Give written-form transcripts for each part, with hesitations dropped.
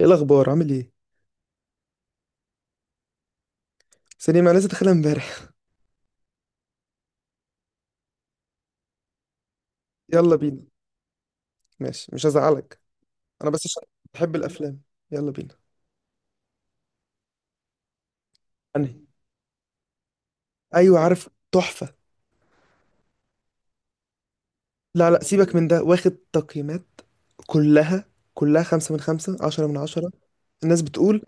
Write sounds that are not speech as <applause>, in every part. ايه الاخبار، عامل ايه؟ سليم، انا لسه داخلها امبارح. يلا بينا. ماشي، مش هزعلك. انا بس عشان بحب الافلام. يلا بينا. انهي؟ ايوه عارف، تحفه. لا لا، سيبك من ده، واخد تقييمات كلها كلها خمسة من خمسة، عشرة من عشرة. الناس بتقول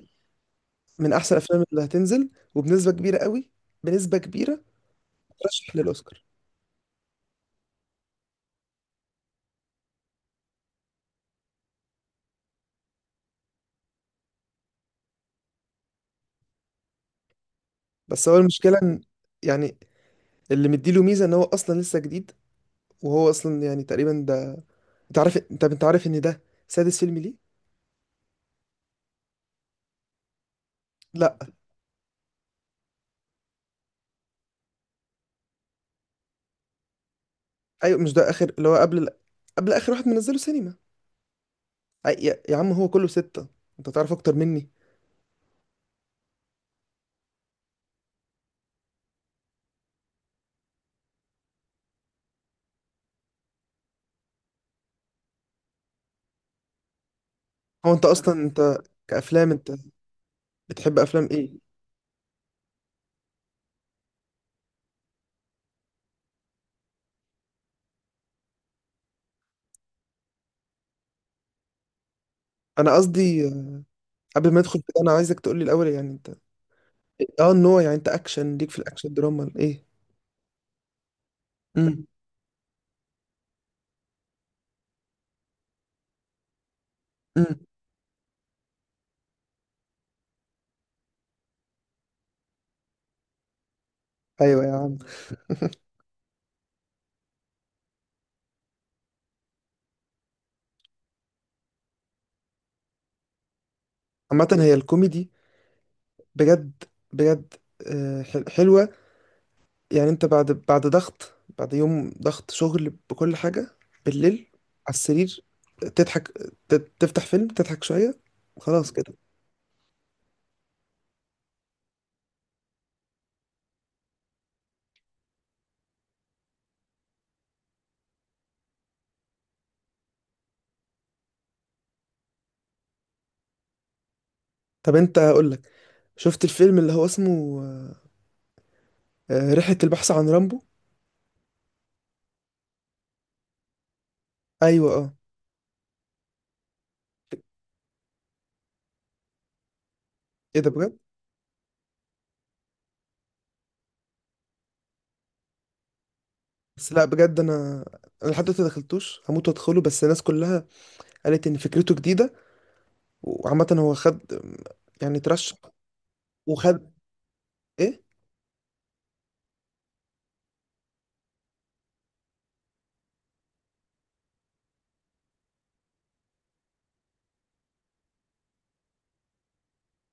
من أحسن الأفلام اللي هتنزل، وبنسبة كبيرة قوي، بنسبة كبيرة، ترشح للأوسكار. بس هو المشكلة إن... يعني اللي مديله ميزة إن هو أصلا لسه جديد. وهو أصلا يعني تقريبا ده، أنت عارف، أنت عارف إن ده سادس فيلم، ليه؟ لا. ايوه، مش ده اخر اللي هو قبل اخر واحد منزله سينما. يا عم، هو كله ستة. انت تعرف اكتر مني. هو انت اصلا، انت كافلام، انت بتحب افلام ايه؟ انا قصدي، قبل ما ندخل كده، انا عايزك تقول لي الاول، يعني انت... اه، النوع، يعني انت اكشن، ليك في الاكشن، دراما، ايه؟ امم امم ايوه يا عم. عامه هي الكوميدي بجد، بجد. حلوه. يعني انت بعد، ضغط، بعد يوم ضغط شغل بكل حاجة، بالليل، على السرير، تضحك، ت- تفتح فيلم، تضحك شوية، خلاص كده. طب انت، هقول لك، شفت الفيلم اللي هو اسمه رحلة البحث عن رامبو؟ ايوه اه. ايه ده بجد؟ بس لا، بجد انا لحد دلوقتي دخلتوش، هموت وادخله، بس الناس كلها قالت ان فكرته جديدة. وعامة هو خد، يعني ترشح، وخد... ايه؟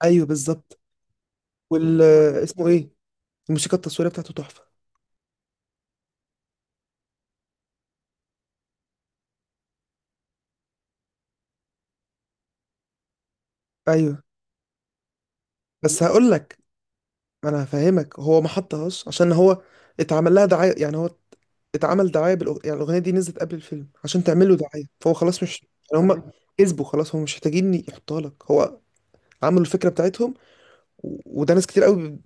ايوه بالظبط. وال... اسمه ايه، الموسيقى التصويرية بتاعته تحفة. ايوه، بس هقول لك، انا هفهمك، هو ما حطهاش عشان هو اتعمل لها دعايه، يعني هو اتعمل دعايه يعني الاغنيه دي نزلت قبل الفيلم عشان تعمل له دعايه، فهو خلاص مش... يعني هم كسبوا، خلاص هم مش محتاجين يحطها لك، هو عملوا الفكره بتاعتهم. و... وده ناس كتير قوي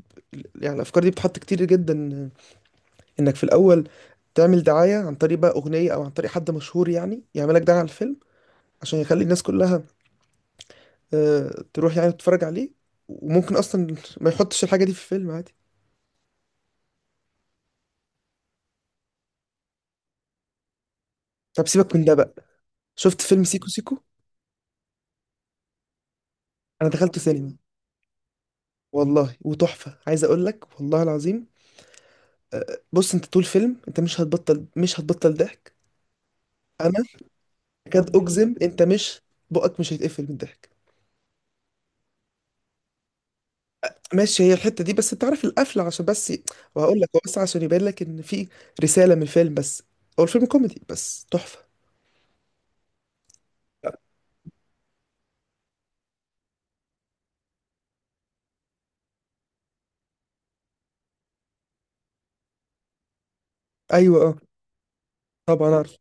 يعني الافكار دي بتحط كتير جدا، انك في الاول تعمل دعايه عن طريق بقى اغنيه، او عن طريق حد مشهور يعني يعمل لك دعايه على الفيلم، عشان يخلي الناس كلها تروح يعني تتفرج عليه. وممكن اصلا ما يحطش الحاجه دي في الفيلم عادي. طب سيبك من ده بقى. شفت فيلم سيكو سيكو؟ انا دخلته سينما والله، وتحفه، عايز اقول لك والله العظيم. بص، انت طول فيلم انت مش هتبطل مش هتبطل ضحك. انا اكاد اجزم انت مش، بقك مش هيتقفل من الضحك. ماشي، هي الحته دي، بس انت عارف القفله، عشان بس. وهقول لك، هو بس عشان يبين لك ان في رساله من الفيلم، بس هو الفيلم كوميدي بس تحفه. ايوه اه. طبعا عارف.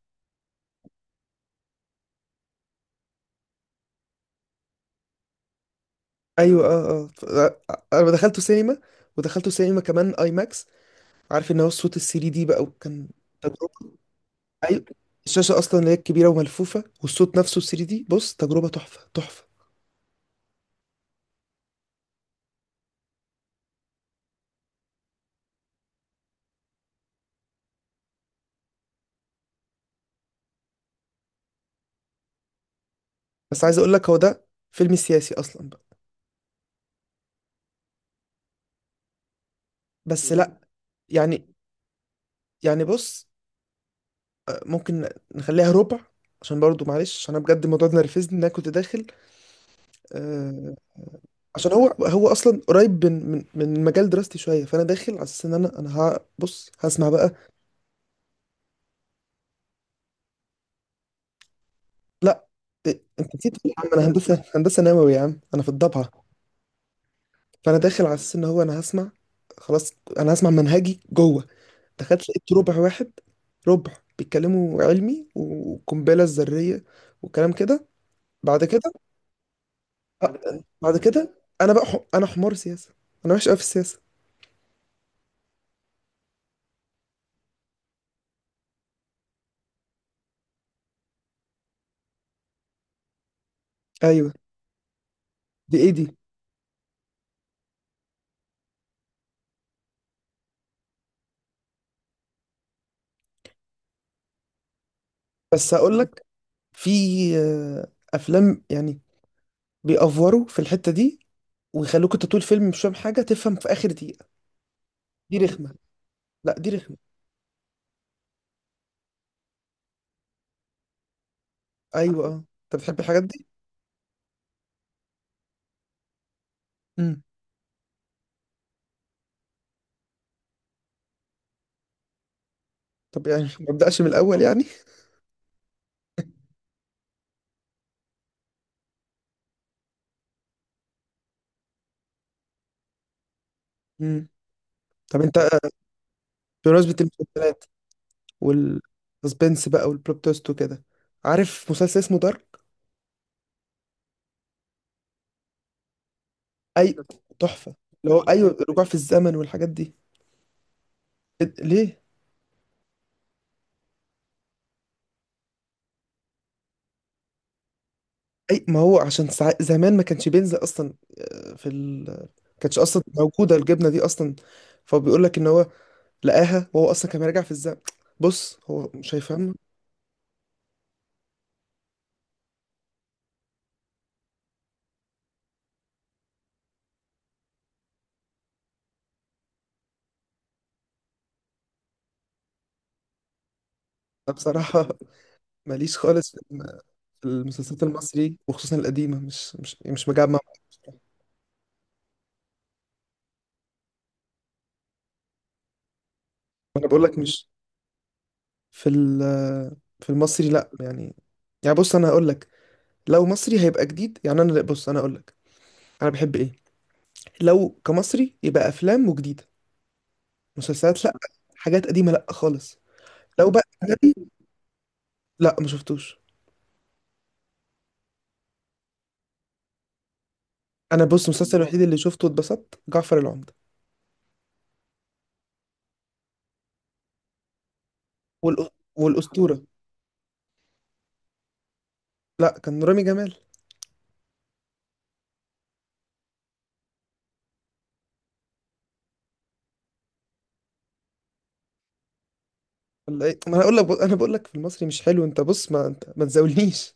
ايوه انا دخلته سينما، ودخلته سينما كمان اي ماكس. عارف ان هو الصوت السي دي بقى، وكان تجربه. ايوه، الشاشه اصلا اللي هي كبيره وملفوفه، والصوت نفسه 3D دي، بص تجربه تحفه، تحفه. بس عايز اقول لك، هو ده فيلم سياسي اصلا بقى. بس مم. لا، يعني، بص، ممكن نخليها ربع، عشان برضو معلش، عشان انا بجد الموضوع ده نرفزني، ان انا كنت داخل آه عشان هو اصلا قريب من مجال دراستي شويه. فانا داخل على اساس ان انا ها بص، هسمع بقى. لا، إيه، انت نسيت تقول يا عم، انا هندسه، نووي يا عم، انا في الضبعه. فانا داخل على اساس ان هو انا هسمع، خلاص، انا هسمع منهجي جوه. دخلت لقيت ربع واحد، ربع بيتكلموا علمي والقنبله الذريه وكلام كده. بعد كده، بعد كده انا بقى، انا حمار سياسه، انا وحش قوي في السياسه. ايوه. دي ايه دي؟ بس هقول لك، في افلام يعني بيأفوروا في الحته دي، ويخلوك انت طول الفيلم مش فاهم حاجه، تفهم في اخر دقيقه. دي رخمه، لا دي رخمه. ايوه اه، انت بتحب الحاجات دي. امم طب يعني ما ابداش من الاول يعني. امم طب انت، بمناسبه المسلسلات والسسبنس بقى والبلوت تويست وكده، عارف مسلسل اسمه دارك؟ اي، تحفة. اللي هو ايوه، رجوع في الزمن والحاجات دي. ليه؟ اي، ما هو عشان زمان ما كانش بينزل اصلا. آه، في ال ما كانتش اصلا موجودة الجبنة دي اصلا، فبيقول لك ان هو لقاها وهو اصلا كان راجع في الزمن. بص هو مش هيفهمها. أنا بصراحة <laughs> ماليش خالص في المسلسلات المصري، وخصوصا القديمة، مش مجمع. ما انا بقول لك، مش في ال في المصري، لا يعني. يعني بص، انا هقول لك، لو مصري هيبقى جديد يعني. انا بص، انا هقول لك، انا بحب ايه، لو كمصري يبقى افلام وجديده، مسلسلات لا، حاجات قديمه لا خالص. لو بقى... لا، ما شفتوش. انا بص، المسلسل الوحيد اللي شفته واتبسطت جعفر العمدة. والأ... والاسطوره. لا، كان رامي جمال. ولا ايه؟ ما انا هقول لك، انا بقول لك في المصري مش حلو، انت بص، ما تزاولنيش.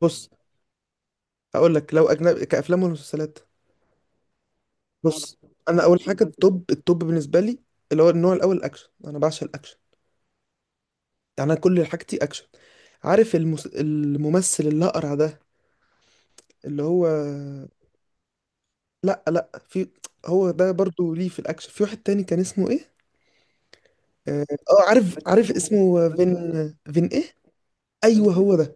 بص هقول لك، لو اجنبي كافلام ومسلسلات، بص، انا اول حاجه التوب، التوب بالنسبه لي، اللي هو النوع الاول الاكشن، انا بعشق الاكشن. انا كل حاجتي اكشن. عارف الممثل الاقرع ده، اللي هو... لا لا، في <tsk> هو ده برضو، ليه في الاكشن، في واحد تاني كان اسمه ايه. عارف اسمه فين. فين ايه؟ ايوه، هو ده.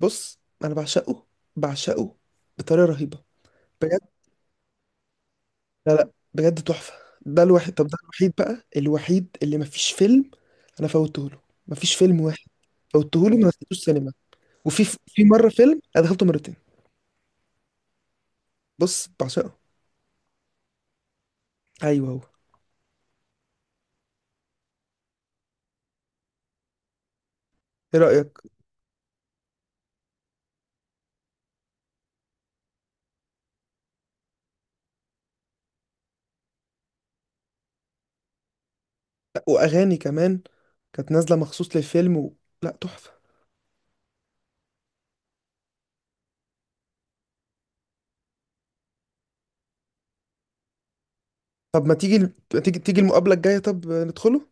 بص انا بعشقه، بعشقه بطريقه رهيبه. بجد، لا لا، بجد تحفه. ده الواحد، طب ده الوحيد بقى، الوحيد اللي مفيش فيلم انا فوتته له. مفيش فيلم واحد فوتته له، ما دخلتوش سينما. وفي مره فيلم انا دخلته مرتين. بص بعشقه. ايوه هو. ايه رأيك؟ لأ، واغاني كمان كانت نازلة مخصوص للفيلم، و... لا، تحفة. طب ما تيجي، تيجي المقابلة الجاية، طب ندخله.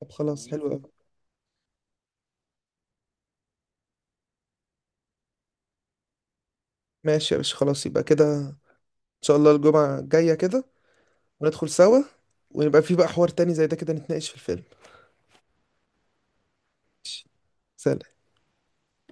طب خلاص، حلو قوي. ماشي يا باشا، خلاص يبقى كده ان شاء الله الجمعة الجاية كده، وندخل سوا، ونبقى في بقى حوار تاني زي ده كده، نتناقش في الفيلم. ماشي. سلام.